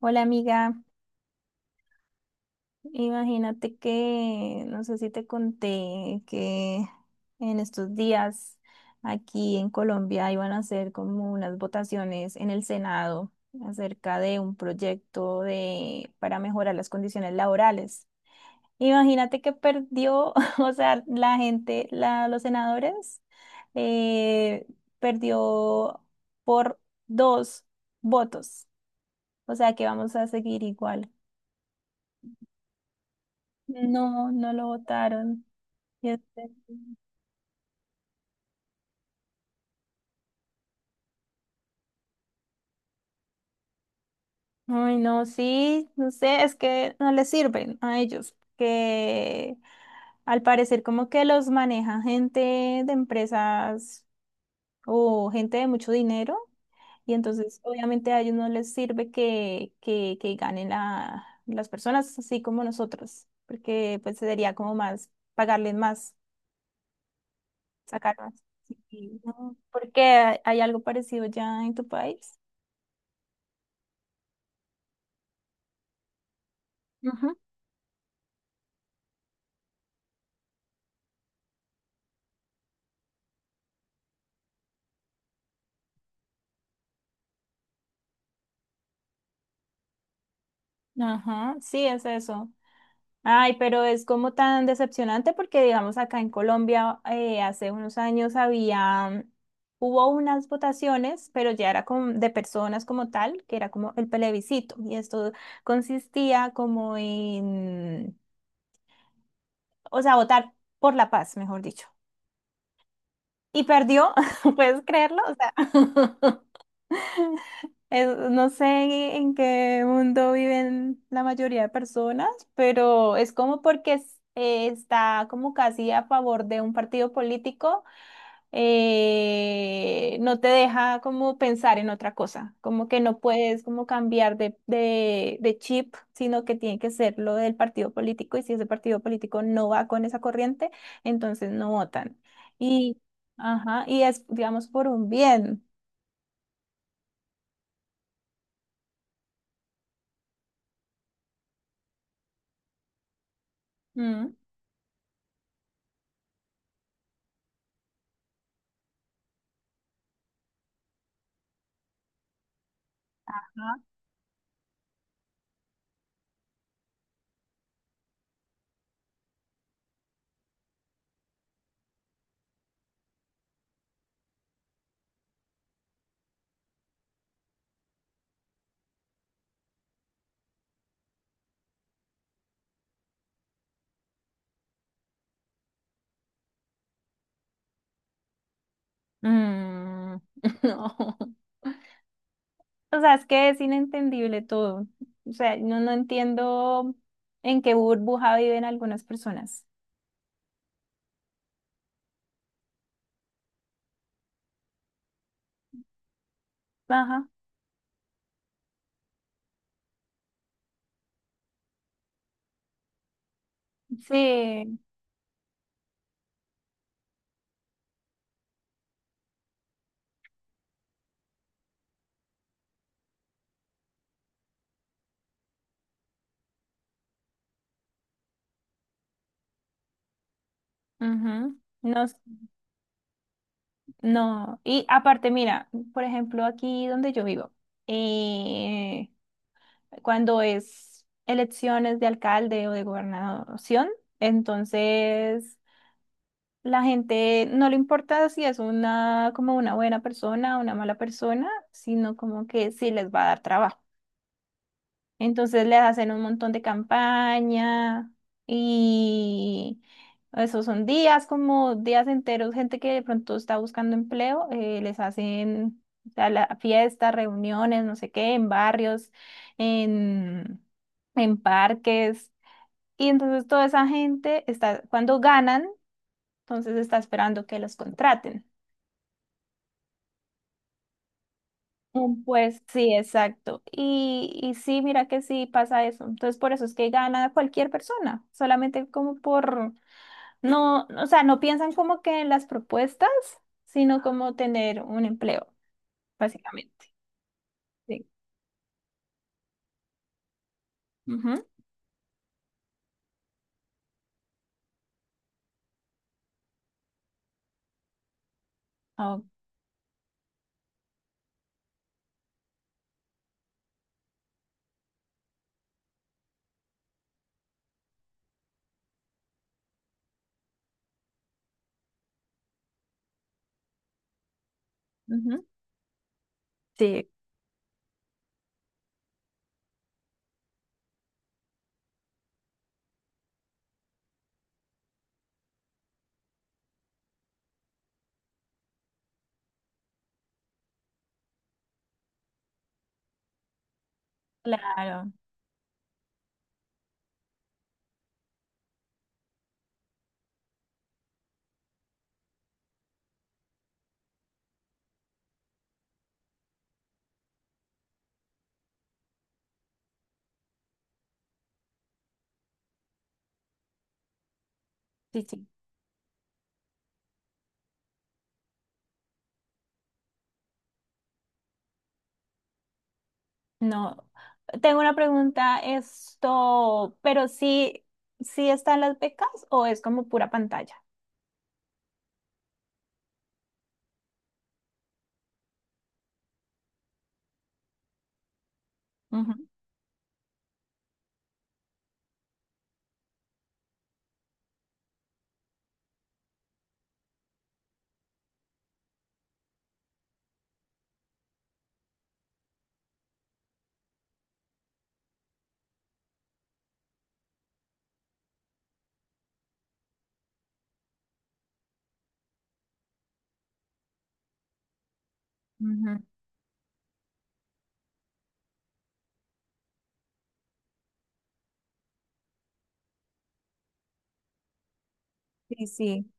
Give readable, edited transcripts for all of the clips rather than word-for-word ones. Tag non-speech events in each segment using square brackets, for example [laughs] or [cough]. Hola amiga, imagínate que, no sé si te conté que en estos días aquí en Colombia iban a hacer como unas votaciones en el Senado acerca de un proyecto para mejorar las condiciones laborales. Imagínate que perdió, [laughs] o sea, la gente, la, los senadores, eh, perdió por dos votos. O sea que vamos a seguir igual. No, no lo votaron. y este Ay, no, sí, no sé, es que no les sirven a ellos, que al parecer como que los maneja gente de empresas o gente de mucho dinero, y entonces obviamente a ellos no les sirve que ganen las personas así como nosotros, porque pues sería como más, pagarles más, sacar más. Sí, no, porque hay algo parecido ya en tu país. Ajá, sí, es eso. Ay, pero es como tan decepcionante porque, digamos, acá en Colombia hace unos años había, hubo unas votaciones, pero ya era de personas como tal, que era como el plebiscito, y esto consistía como en, o sea, votar por la paz, mejor dicho. Y perdió, [laughs] ¿puedes creerlo? O sea, [laughs] Es- no sé en qué mundo viven la mayoría de personas, pero es como porque es- está como casi a favor de un partido político, no te deja como pensar en otra cosa, como que no puedes como cambiar de chip, sino que tiene que ser lo del partido político y si ese partido político no va con esa corriente, entonces no votan. Y, ajá, y es, digamos, por un bien. Mm. Mm, [laughs] no. O sea, es que es inentendible todo. O sea, no, no entiendo en qué burbuja viven algunas personas. Ajá. Sí. Ujú. No, s- no. Y aparte, mira, por ejemplo, aquí donde yo vivo, eh, cuando es elecciones de alcalde o de gobernación, entonces la gente no le importa si es una como una buena persona o una mala persona, sino como que sí les va a dar trabajo. Entonces les hacen un montón de campaña y esos son días como días enteros, gente que de pronto está buscando empleo, les hacen o sea, la- fiestas, reuniones, no sé qué, en barrios, en, en parques. Y entonces toda esa gente está, cuando ganan, entonces está esperando que los contraten. Mm, pues sí, exacto. Y sí, mira que sí pasa eso. Entonces, por eso es que gana cualquier persona, solamente como por, no, o sea, no piensan como que en las propuestas, sino como tener un empleo, básicamente. Sí. Ujú. Oh, ujú. Sí. Claro, sí, sí. No, tengo una pregunta, esto, pero sí, ¿sí están las becas o es como pura pantalla? Ujú, ujú. Sí,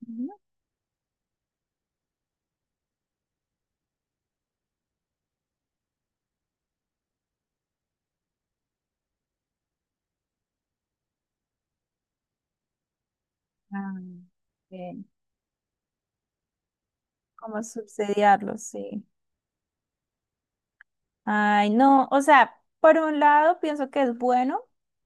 sí. Ah, bien. ¿Cómo subsidiarlo? Sí. Ay, no, o sea, por un lado pienso que es bueno,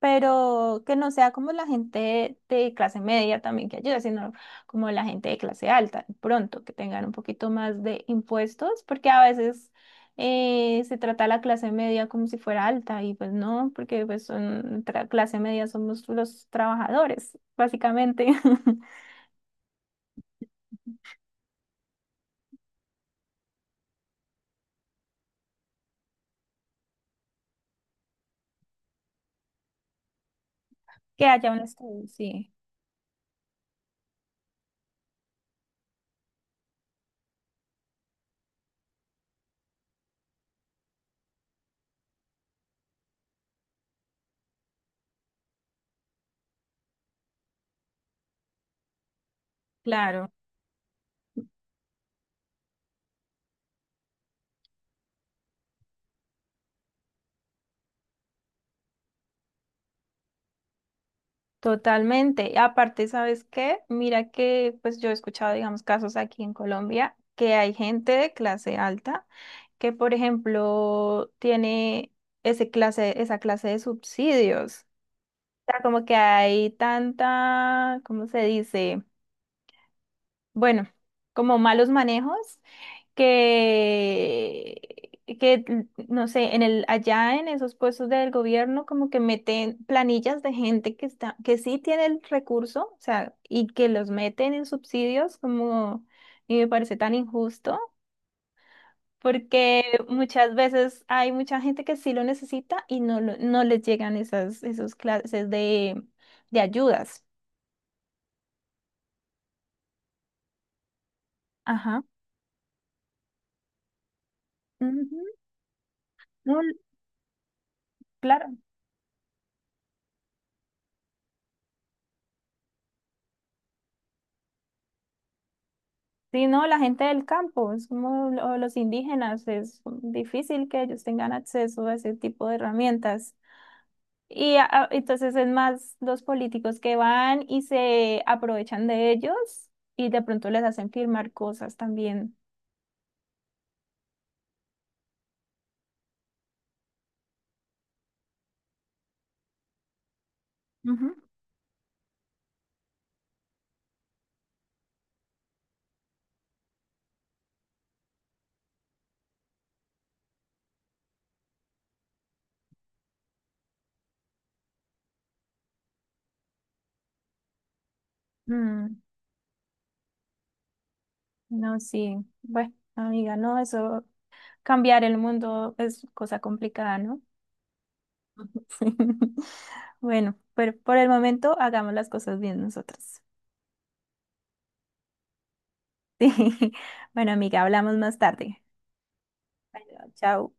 pero que no sea como la gente de clase media también que ayuda, sino como la gente de clase alta, de pronto, que tengan un poquito más de impuestos, porque a veces se trata a la clase media como si fuera alta y pues no, porque pues son tra- clase media somos los trabajadores, básicamente, [laughs] que haya un estudio, sí, claro. Totalmente. Y aparte, ¿sabes qué? Mira que pues yo he escuchado, digamos, casos aquí en Colombia que hay gente de clase alta que, por ejemplo, tiene ese clase, esa clase de subsidios. O sea, como que hay tanta, ¿cómo se dice? Bueno, como malos manejos que, que, no sé, en el, allá en esos puestos del gobierno, como que meten planillas de gente que está, que sí tiene el recurso, o sea, y que los meten en subsidios, como, y me parece tan injusto, porque muchas veces hay mucha gente que sí lo necesita y no, lo- no les llegan esas, esas clases de ayudas. Ajá. Ujú. No, claro. Sí, no, la gente del campo, es como lo- los indígenas, es difícil que ellos tengan acceso a ese tipo de herramientas. Y a- entonces es más los políticos que van y se aprovechan de ellos y de pronto les hacen firmar cosas también. Ujú. Mm, no, sí. Bueno, amiga, no, eso, cambiar el mundo es cosa complicada, ¿no? [laughs] Sí. Bueno, pero por el momento hagamos las cosas bien nosotros. Sí. [laughs] Bueno, amiga, hablamos más tarde. Bueno, chao.